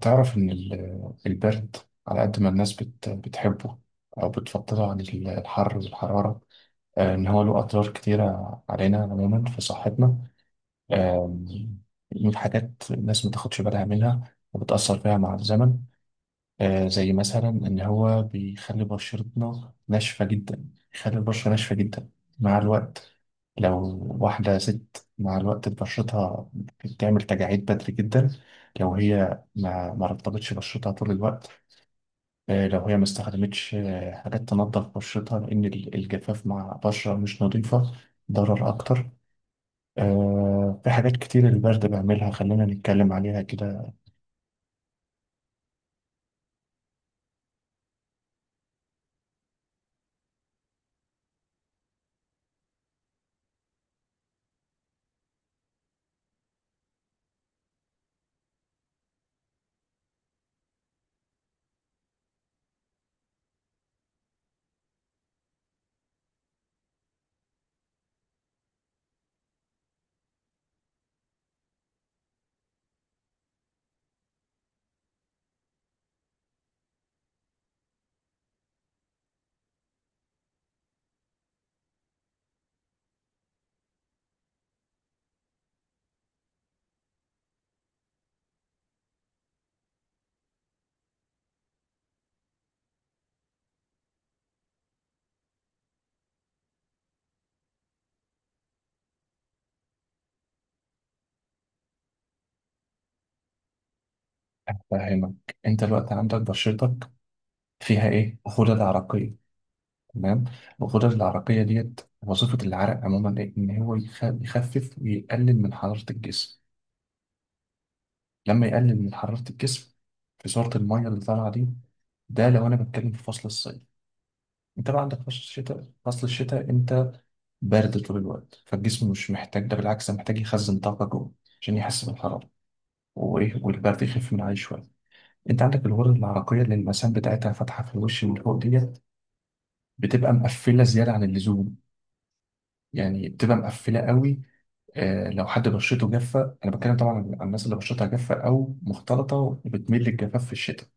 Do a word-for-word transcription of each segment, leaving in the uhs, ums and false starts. تعرف إن ال- البرد على قد ما الناس بت بتحبه أو بتفضله عن ال- الحر والحرارة، آه، إن هو له أضرار كتيرة علينا عموما في صحتنا. آم، من حاجات الناس ما تاخدش بالها منها وبتأثر فيها مع الزمن، آه، زي مثلا إن هو بيخلي بشرتنا ناشفة جدا. بيخلي البشرة ناشفة جدا مع الوقت. لو واحدة ست مع الوقت بشرتها بتعمل تجاعيد بدري جدا لو هي ما ما رطبتش بشرتها طول الوقت، آه، لو هي ما استخدمتش آه، حاجات تنظف بشرتها، لأن ال- الجفاف مع بشرة مش نظيفة ضرر أكتر. آه، في حاجات كتير البرد بيعملها، خلينا نتكلم عليها كده. أفهمك. أنت الوقت عندك بشرتك فيها ايه؟ غدد عرقيه، تمام. الغدد العرقيه ديت وظيفه العرق عموما ايه؟ ان هو يخ- يخفف ويقلل من حراره الجسم. لما يقلل من حراره الجسم خساره الميه اللي طالعه دي، ده لو انا بتكلم في فصل الصيف. انت بقى عندك فصل الشتاء، فصل الشتاء انت بارد طول الوقت، فالجسم مش محتاج ده، بالعكس ده محتاج يخزن طاقه جوه عشان يحس بالحراره وايه، والبرد يخف من عليه شويه. انت عندك الغدد العرقيه اللي المسام بتاعتها فاتحه في الوش من فوق ديت بتبقى مقفله زياده عن اللزوم، يعني بتبقى مقفله قوي. آه، لو حد بشرته جافه، انا بتكلم طبعا عن الناس اللي بشرتها جافه او مختلطه وبتميل للجفاف في الشتاء.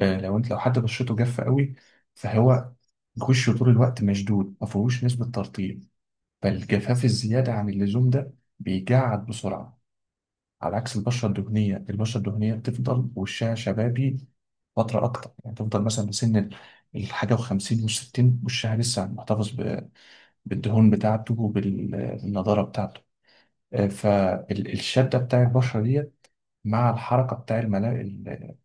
آه، لو انت لو حد بشرته جافه قوي، فهو وشه طول الوقت مشدود ما فيهوش نسبه ترطيب، فالجفاف الزياده عن اللزوم ده بيجعد بسرعه. على عكس البشره الدهنيه، البشره الدهنيه بتفضل وشها شبابي فتره اكتر، يعني تفضل مثلا بسن ال- الحاجه و50 و60 وشها لسه محتفظ ب- بالدهون بتاعته وبالنضاره بتاعته. فالشده بتاع البشره ديت مع الحركه بتاع الملا- ال-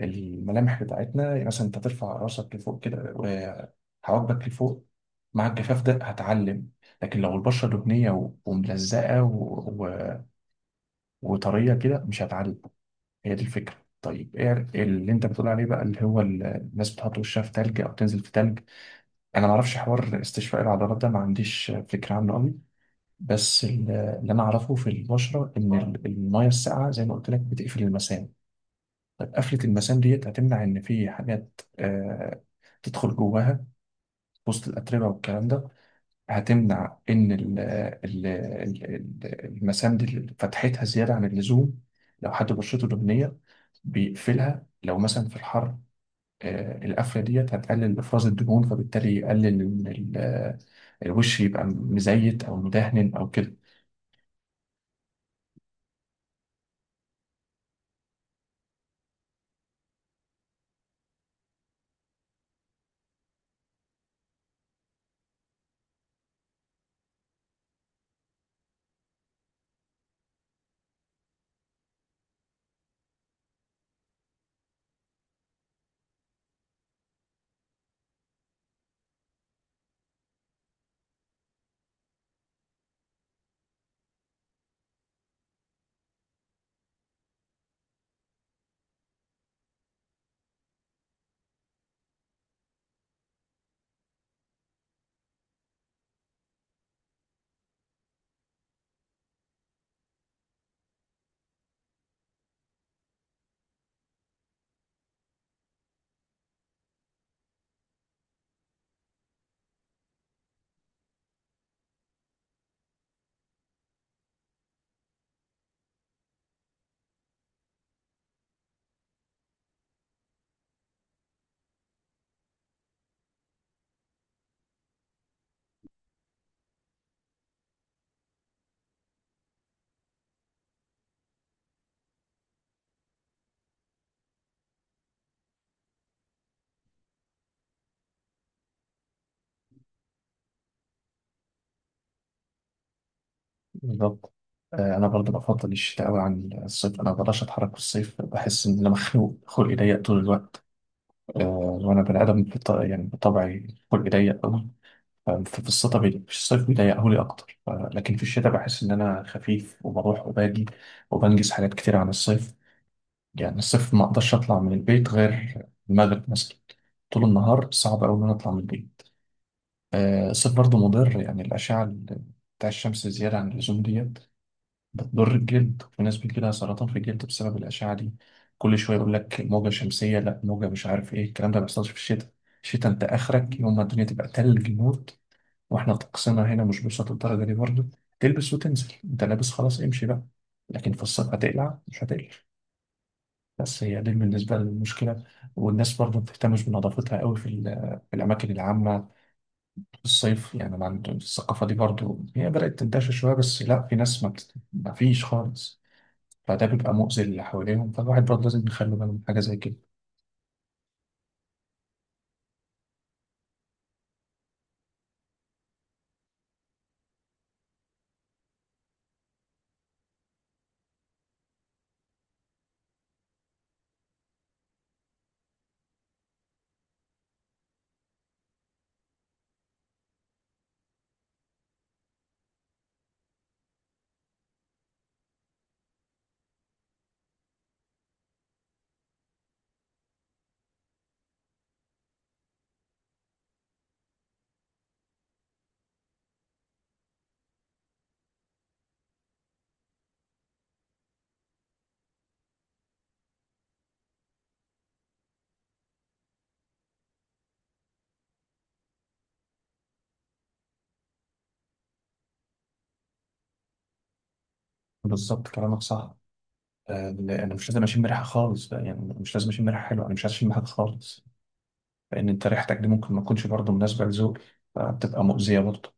الملامح بتاعتنا، يعني مثلا انت ترفع راسك لفوق كده وحواجبك لفوق، مع الجفاف ده هتعلم. لكن لو البشره دهنيه و- وملزقه و- و- وطريه كده مش هتعلم. هي دي الفكره. طيب ايه اللي انت بتقول عليه بقى اللي هو ال- الناس بتحط وشها في تلج او تنزل في تلج؟ انا ما اعرفش حوار استشفاء العضلات ده، ما عنديش فكره عنه قوي. بس ال- اللي انا اعرفه في البشره ان ال- الميه الساقعه زي ما قلت لك بتقفل المسام. طب قفله المسام ديت هتمنع ان في حاجات آه تدخل جواها وسط الاتربه والكلام ده، هتمنع ان ال- ال- ال- ال- المسام دي فتحتها زياده عن اللزوم. لو حد بشرته دهنيه بيقفلها لو مثلا في الحر، آه القفله ديت هتقلل افراز الدهون، فبالتالي يقلل إن ال- الوش يبقى مزيت او مدهن او كده. بالظبط. آه، انا برضو بفضل الشتاء قوي عن الصيف، انا ما بقدرش اتحرك في الصيف، بحس ان انا مخنوق خلقي ضيق طول الوقت. آه، وانا بني ادم بط- يعني بطبعي خلقي ضيق قوي، ففي الصيف بي- في الصيف بيضيقه لي اكتر ف- لكن في الشتاء بحس ان انا خفيف وبروح وباجي وبنجز حاجات كتير عن الصيف. يعني الصيف ما اقدرش اطلع من البيت غير المغرب مثلا، طول النهار صعب قوي ان انا اطلع من البيت. آه، الصيف برضو مضر، يعني الاشعه ال- بتاع الشمس زياده عن اللزوم ديت بتضر الجلد، في ناس بيجي لها سرطان في الجلد بسبب الأشعة دي. كل شوية يقول لك موجة شمسية، لا موجة مش عارف إيه الكلام ده، ما بيحصلش في الشتاء. الشتاء أنت آخرك يوم ما الدنيا تبقى تلج موت، وإحنا طقسنا هنا مش بيوصل للدرجة دي برضه. تلبس وتنزل، أنت لابس خلاص امشي بقى. لكن في الصيف هتقلع مش هتقلع. بس هي دي بالنسبة للمشكلة. والناس برضه ما بتهتمش بنظافتها قوي في ال- في الأماكن العامة في الصيف، يعني ما عندهم الثقافة دي برضه، هي بدأت تنتشر شوية بس لا، في ناس ما, بت... ما فيش خالص. فده بيبقى مؤذي للي حواليهم، فالواحد برضه لازم يخلي باله من حاجة زي كده. بالظبط كلامك صح. آه، أنا مش لازم أشم ريحة خالص بقى، يعني مش لازم أشم ريحة حلوة، أنا مش عايز أشم حاجة خالص. لأن أنت ريحتك دي ممكن ما تكونش برضه مناسبة لذوقي، فبتبقى مؤذية برضه.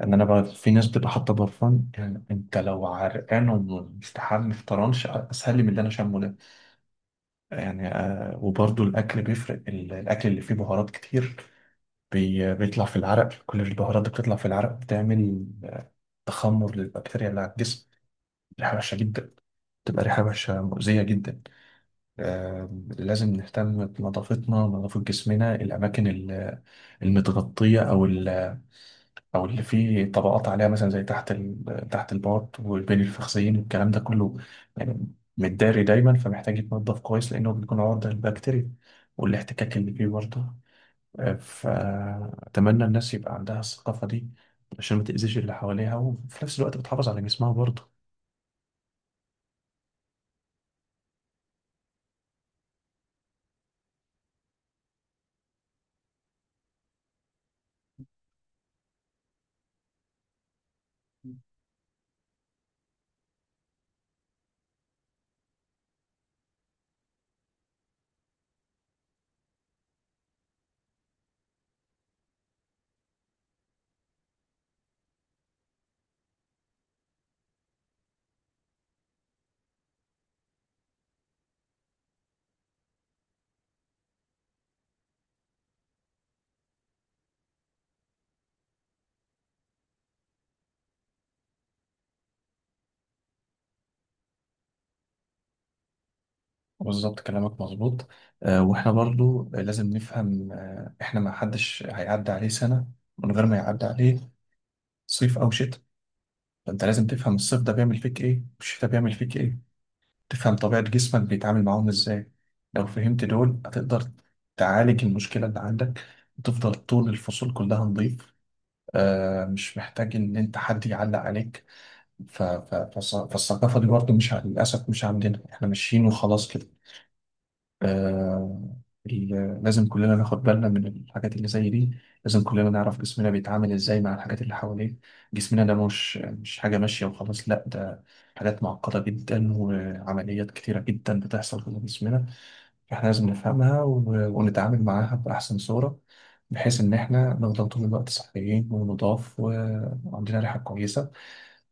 إن أنا بقى في ناس بتبقى حاطة برفان، يعني أنت لو عرقان ومستحمل في طرنش أسهل لي من اللي أنا شامه ده. يعني آه، وبرضه الأكل بيفرق، ال- الأكل اللي فيه بهارات كتير بي... بيطلع في العرق، كل البهارات دي بتطلع في العرق بتعمل آه، تخمر للبكتيريا اللي على الجسم، ريحة وحشة جدا، بتبقى ريحة وحشة مؤذية جدا. آه، لازم نهتم بنظافتنا، نظافة جسمنا، الأماكن ال- المتغطية أو ال- أو اللي فيه طبقات عليها، مثلا زي تحت ال... تحت البارت والبين الفخذين والكلام ده كله، يعني متداري دايما، فمحتاج يتنضف كويس لأنه بيكون عرضة للبكتيريا والاحتكاك اللي فيه برضه. فأتمنى الناس يبقى عندها الثقافة دي عشان ما تأذيش اللي حواليها، وفي نفس الوقت بتحافظ على جسمها برضه. بالظبط كلامك مظبوط. آه، واحنا برضه لازم نفهم، آه، احنا ما حدش هيعدي عليه سنة من غير ما يعدي عليه صيف أو شتاء. فأنت لازم تفهم الصيف ده بيعمل فيك إيه والشتاء بيعمل فيك إيه، تفهم طبيعة جسمك بيتعامل معاهم إزاي. لو فهمت دول هتقدر تعالج المشكلة اللي عندك وتفضل طول الفصول كلها نظيف. آه، مش محتاج إن أنت حد يعلق عليك. ف... ف... فالث- فالثقافة دي برضه مش ع- للأسف مش عندنا، إحنا ماشيين وخلاص كده. آه... ال- لازم كلنا ناخد بالنا من الحاجات اللي زي دي، لازم كلنا نعرف جسمنا بيتعامل إزاي مع الحاجات اللي حواليه. جسمنا ده مش مش حاجة ماشية وخلاص، لأ ده حاجات معقدة جدا وعمليات كتيرة جدا بتحصل في جسمنا. فإحنا لازم نفهمها و... ونتعامل معاها بأحسن صورة، بحيث إن إحنا نفضل طول الوقت صحيين ونضاف وعندنا ريحة كويسة.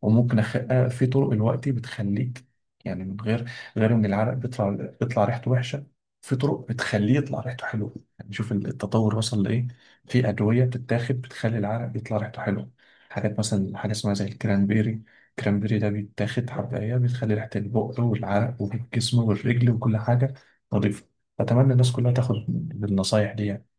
وممكن أخ... آه، في طرق الوقت بتخليك، يعني من غير غير ان العرق بيطلع بيطلع ريحته وحشه، في طرق بتخليه يطلع ريحته حلوه، يعني شوف التطور وصل لايه. في ادويه بتتاخد بتخلي العرق يطلع ريحته حلوه، حاجات مثلا حاجه اسمها زي الكرانبيري. الكرانبيري ده بيتاخد حبايه بتخلي ريحه البق والعرق والجسم والرجل وكل حاجه نظيفه. اتمنى الناس كلها تاخد بالنصايح دي يعني.